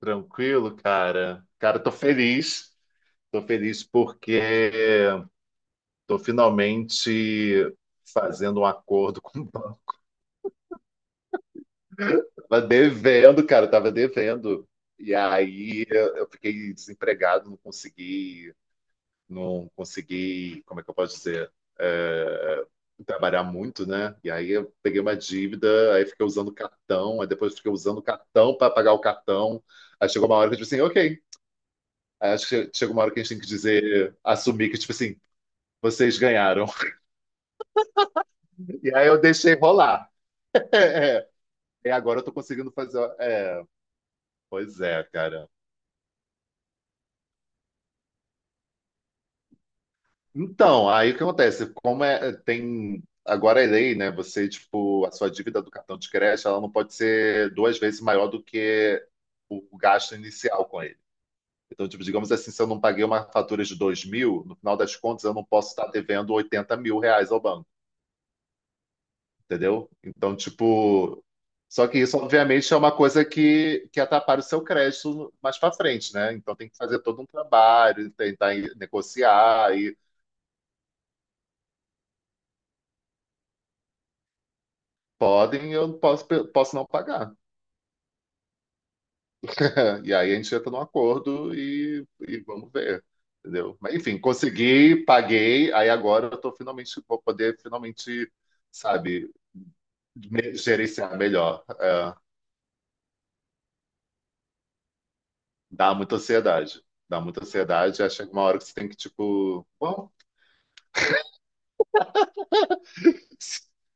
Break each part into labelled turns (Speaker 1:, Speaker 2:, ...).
Speaker 1: Tranquilo, cara. Cara, tô feliz. Tô feliz porque tô finalmente fazendo um acordo com o banco. Tava devendo, cara, tava devendo. E aí eu fiquei desempregado, não consegui, não consegui, como é que eu posso dizer? É, trabalhar muito, né? E aí eu peguei uma dívida, aí fiquei usando cartão, aí depois fiquei usando cartão para pagar o cartão. Aí chegou uma hora que eu disse assim, ok. Acho que chega uma hora que a gente tem que dizer, assumir que, tipo assim, vocês ganharam. E aí eu deixei rolar. E agora eu tô conseguindo fazer. É, pois é, cara. Então, aí o que acontece? Como é, tem. Agora é lei, né? Você, tipo, a sua dívida do cartão de crédito, ela não pode ser duas vezes maior do que o gasto inicial com ele. Então, tipo, digamos assim, se eu não paguei uma fatura de 2.000, no final das contas, eu não posso estar devendo 80 mil reais ao banco. Entendeu? Então, tipo, só que isso, obviamente, é uma coisa que atrapalha o seu crédito mais para frente, né? Então tem que fazer todo um trabalho, tentar negociar e podem, eu não posso, posso não pagar. E aí a gente entra num acordo e vamos ver, entendeu? Mas enfim, consegui, paguei, aí agora eu tô finalmente, vou poder finalmente, sabe, gerenciar melhor. É, dá muita ansiedade. Dá muita ansiedade, aí chega uma hora que você tem que, tipo, bom,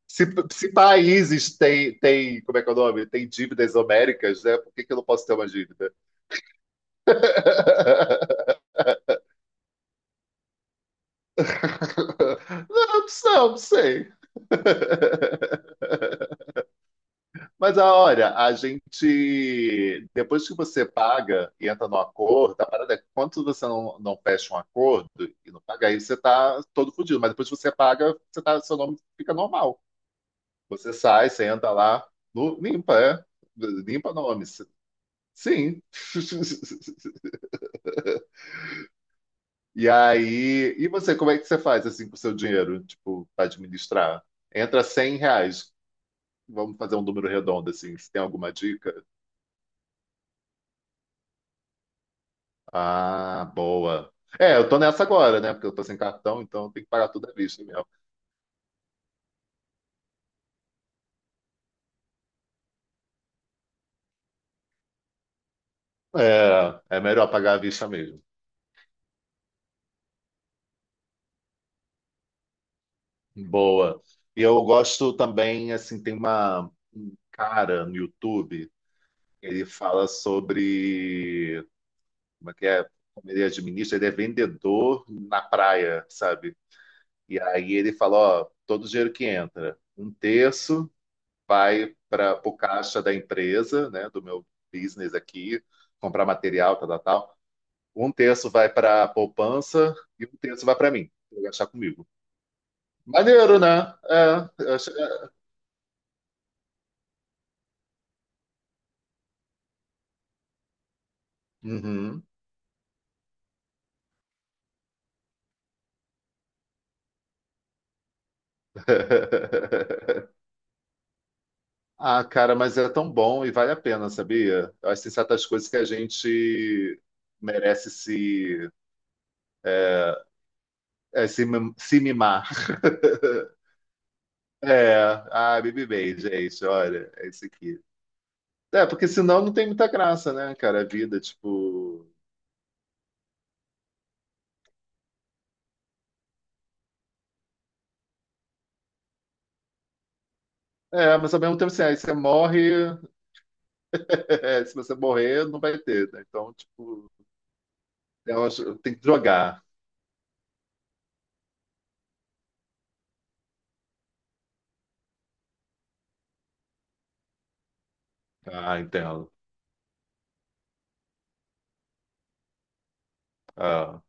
Speaker 1: Se, se países têm, como é que é o nome? Tem dívidas homéricas, né? Por que que eu não posso ter uma dívida? Não, não, não sei. Mas ah, olha, a gente, depois que você paga e entra no acordo, a parada é que quando você não fecha um acordo e não paga, aí você tá todo fodido. Mas depois que você paga, você tá, seu nome fica normal. Você sai, você entra lá, limpa, é. Limpa nome. Sim. E aí, e você, como é que você faz assim com o seu dinheiro, tipo, para administrar? Entra R$ 100. Vamos fazer um número redondo assim. Você tem alguma dica? Ah, boa. É, eu tô nessa agora, né? Porque eu tô sem cartão, então eu tenho que pagar tudo à vista mesmo. É, é melhor pagar à vista mesmo. Boa. E eu gosto também, assim, tem uma um cara no YouTube, ele fala sobre como é que é? Como ele administra, ele é vendedor na praia, sabe? E aí ele fala, ó, todo o dinheiro que entra, um terço vai para o caixa da empresa, né, do meu business aqui, comprar material, tal, tal, tal. Um terço vai para a poupança e um terço vai para mim, pra gastar comigo. Maneiro, né? É, eu achei- Uhum. Ah, cara, mas é tão bom e vale a pena, sabia? Eu acho que tem certas coisas que a gente merece se mimar. É, ah, Baby Base, é isso, olha, é isso aqui. É, porque senão não tem muita graça, né, cara, a vida, tipo... É, mas ao mesmo tempo, assim, aí você morre, é, se você morrer, não vai ter, né? Então, tipo, tem que jogar. Ah, entendo. Ah,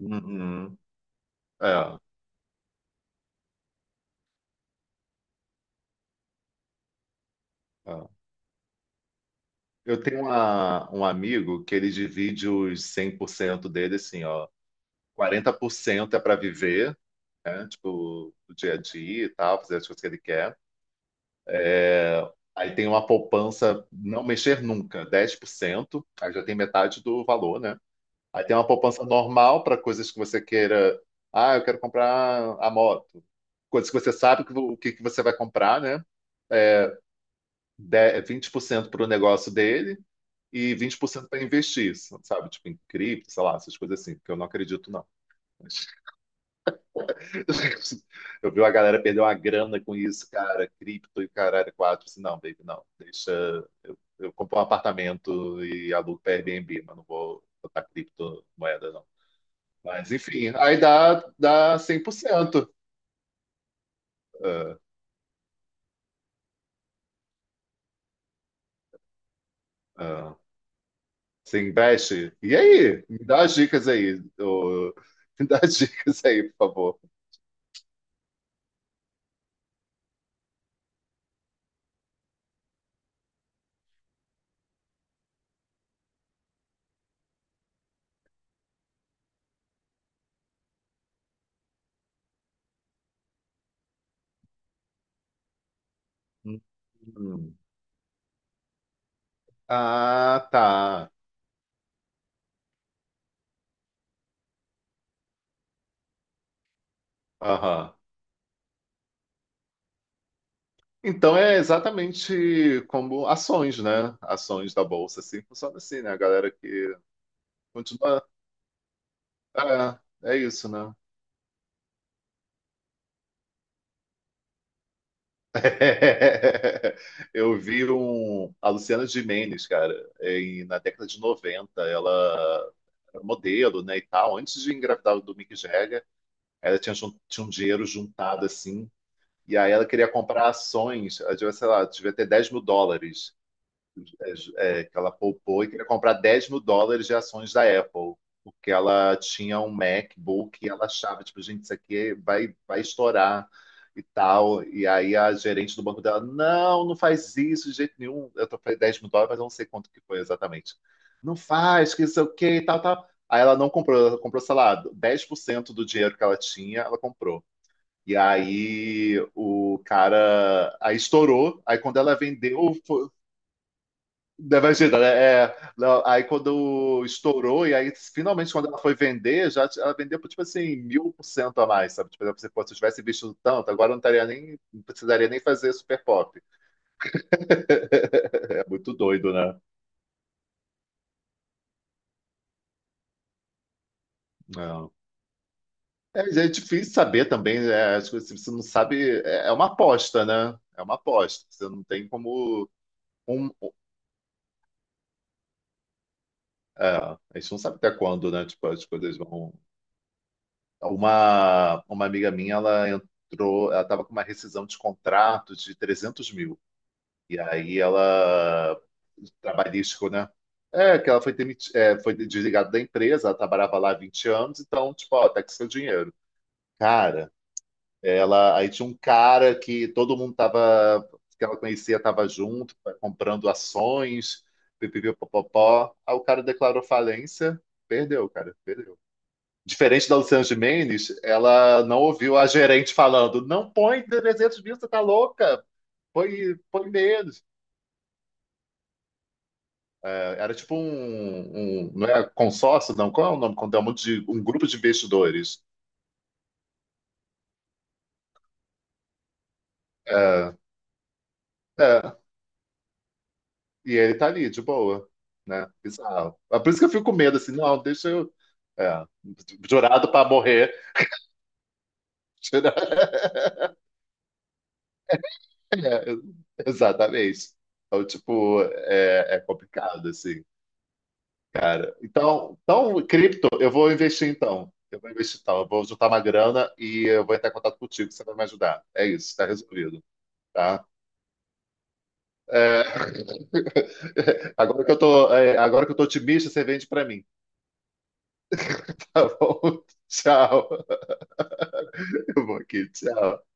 Speaker 1: uhum. É, é. Eu tenho um amigo que ele divide os 100% dele, assim, ó, 40% é para viver, né? Tipo, o dia a dia e tal, fazer as coisas que ele quer. Aí tem uma poupança não mexer nunca, 10% aí já tem metade do valor, né? Aí tem uma poupança normal para coisas que você queira. Ah, eu quero comprar a moto. Coisas que você sabe que, o que, que você vai comprar, né? 20% para o negócio dele e 20% para investir, sabe? Tipo em cripto, sei lá, essas coisas assim, porque eu não acredito, não. Mas eu vi a galera perder uma grana com isso, cara, cripto e caralho, quatro. Eu não, baby, não. Deixa. Eu compro um apartamento e alugo para Airbnb, mas não vou botar criptomoeda, não. Mas, enfim, aí dá 100%. Ah, ah, você investe. E aí? Me dá as dicas aí. Ô, me dá as dicas aí, por favor. Hum. Ah, tá. Aham. Então é exatamente como ações, né? Ações da bolsa, assim, funciona assim, né? A galera que continua. É, é isso, né? Eu vi um, a Luciana Gimenez, cara, na década de 90, ela era modelo, né, e tal, antes de engravidar do Mick Jagger, ela tinha, tinha um dinheiro juntado, assim, e aí ela queria comprar ações, ela devia, sei lá, devia ter 10 mil dólares, mil dólares é, que ela poupou e queria comprar US$ 10.000 de ações da Apple, porque ela tinha um MacBook e ela achava, tipo, gente, isso aqui vai estourar e tal. E aí a gerente do banco dela, não faz isso de jeito nenhum. Eu tô falei US$ 10.000, mas eu não sei quanto que foi exatamente. Não faz, que isso é o quê e tal, tal. Aí ela não comprou, ela comprou, sei lá, 10% do dinheiro que ela tinha, ela comprou. E aí o cara aí estourou. Aí quando ela vendeu, não, imagina, né? É, não, aí quando estourou, e aí finalmente quando ela foi vender, ela vendeu por tipo assim, 1.000% a mais, sabe? Tipo, se eu tivesse visto tanto, agora eu não estaria nem, não precisaria nem fazer super pop. É muito doido, né? Não. É, é difícil saber também, né? As coisas, se você não sabe, é, é uma aposta, né? É uma aposta. Você não tem como. Um, a gente não sabe até quando, né? Tipo, as coisas vão. Uma amiga minha, ela entrou, ela estava com uma rescisão de contrato de 300 mil. E aí ela, trabalhístico, né? É, que ela foi desligada da empresa, ela trabalhava lá há 20 anos, então, tipo, ó, tá com seu dinheiro. Cara, ela, aí tinha um cara que todo mundo tava, que ela conhecia tava junto, comprando ações, pipipipopopó. Aí o cara declarou falência, perdeu, cara, perdeu. Diferente da Luciana Gimenez, ela não ouviu a gerente falando: não põe 300 mil, você tá louca, põe, põe menos. É, era tipo um. Não é consórcio, não? Qual é o nome? Quando é um grupo de investidores. É, é, e ele tá ali, de boa, né? Bizarro. É por isso que eu fico com medo, assim, não, deixa eu. É, jurado para morrer. É, exatamente. Então, tipo, é, é complicado, assim. Cara, então, cripto, eu vou investir então. Eu vou investir então. Eu vou juntar uma grana e eu vou entrar em contato contigo, você vai me ajudar. É isso, tá resolvido, tá? É, agora que eu tô, é, agora que eu tô otimista, você vende pra mim, tá bom? Tchau. Eu vou aqui, tchau.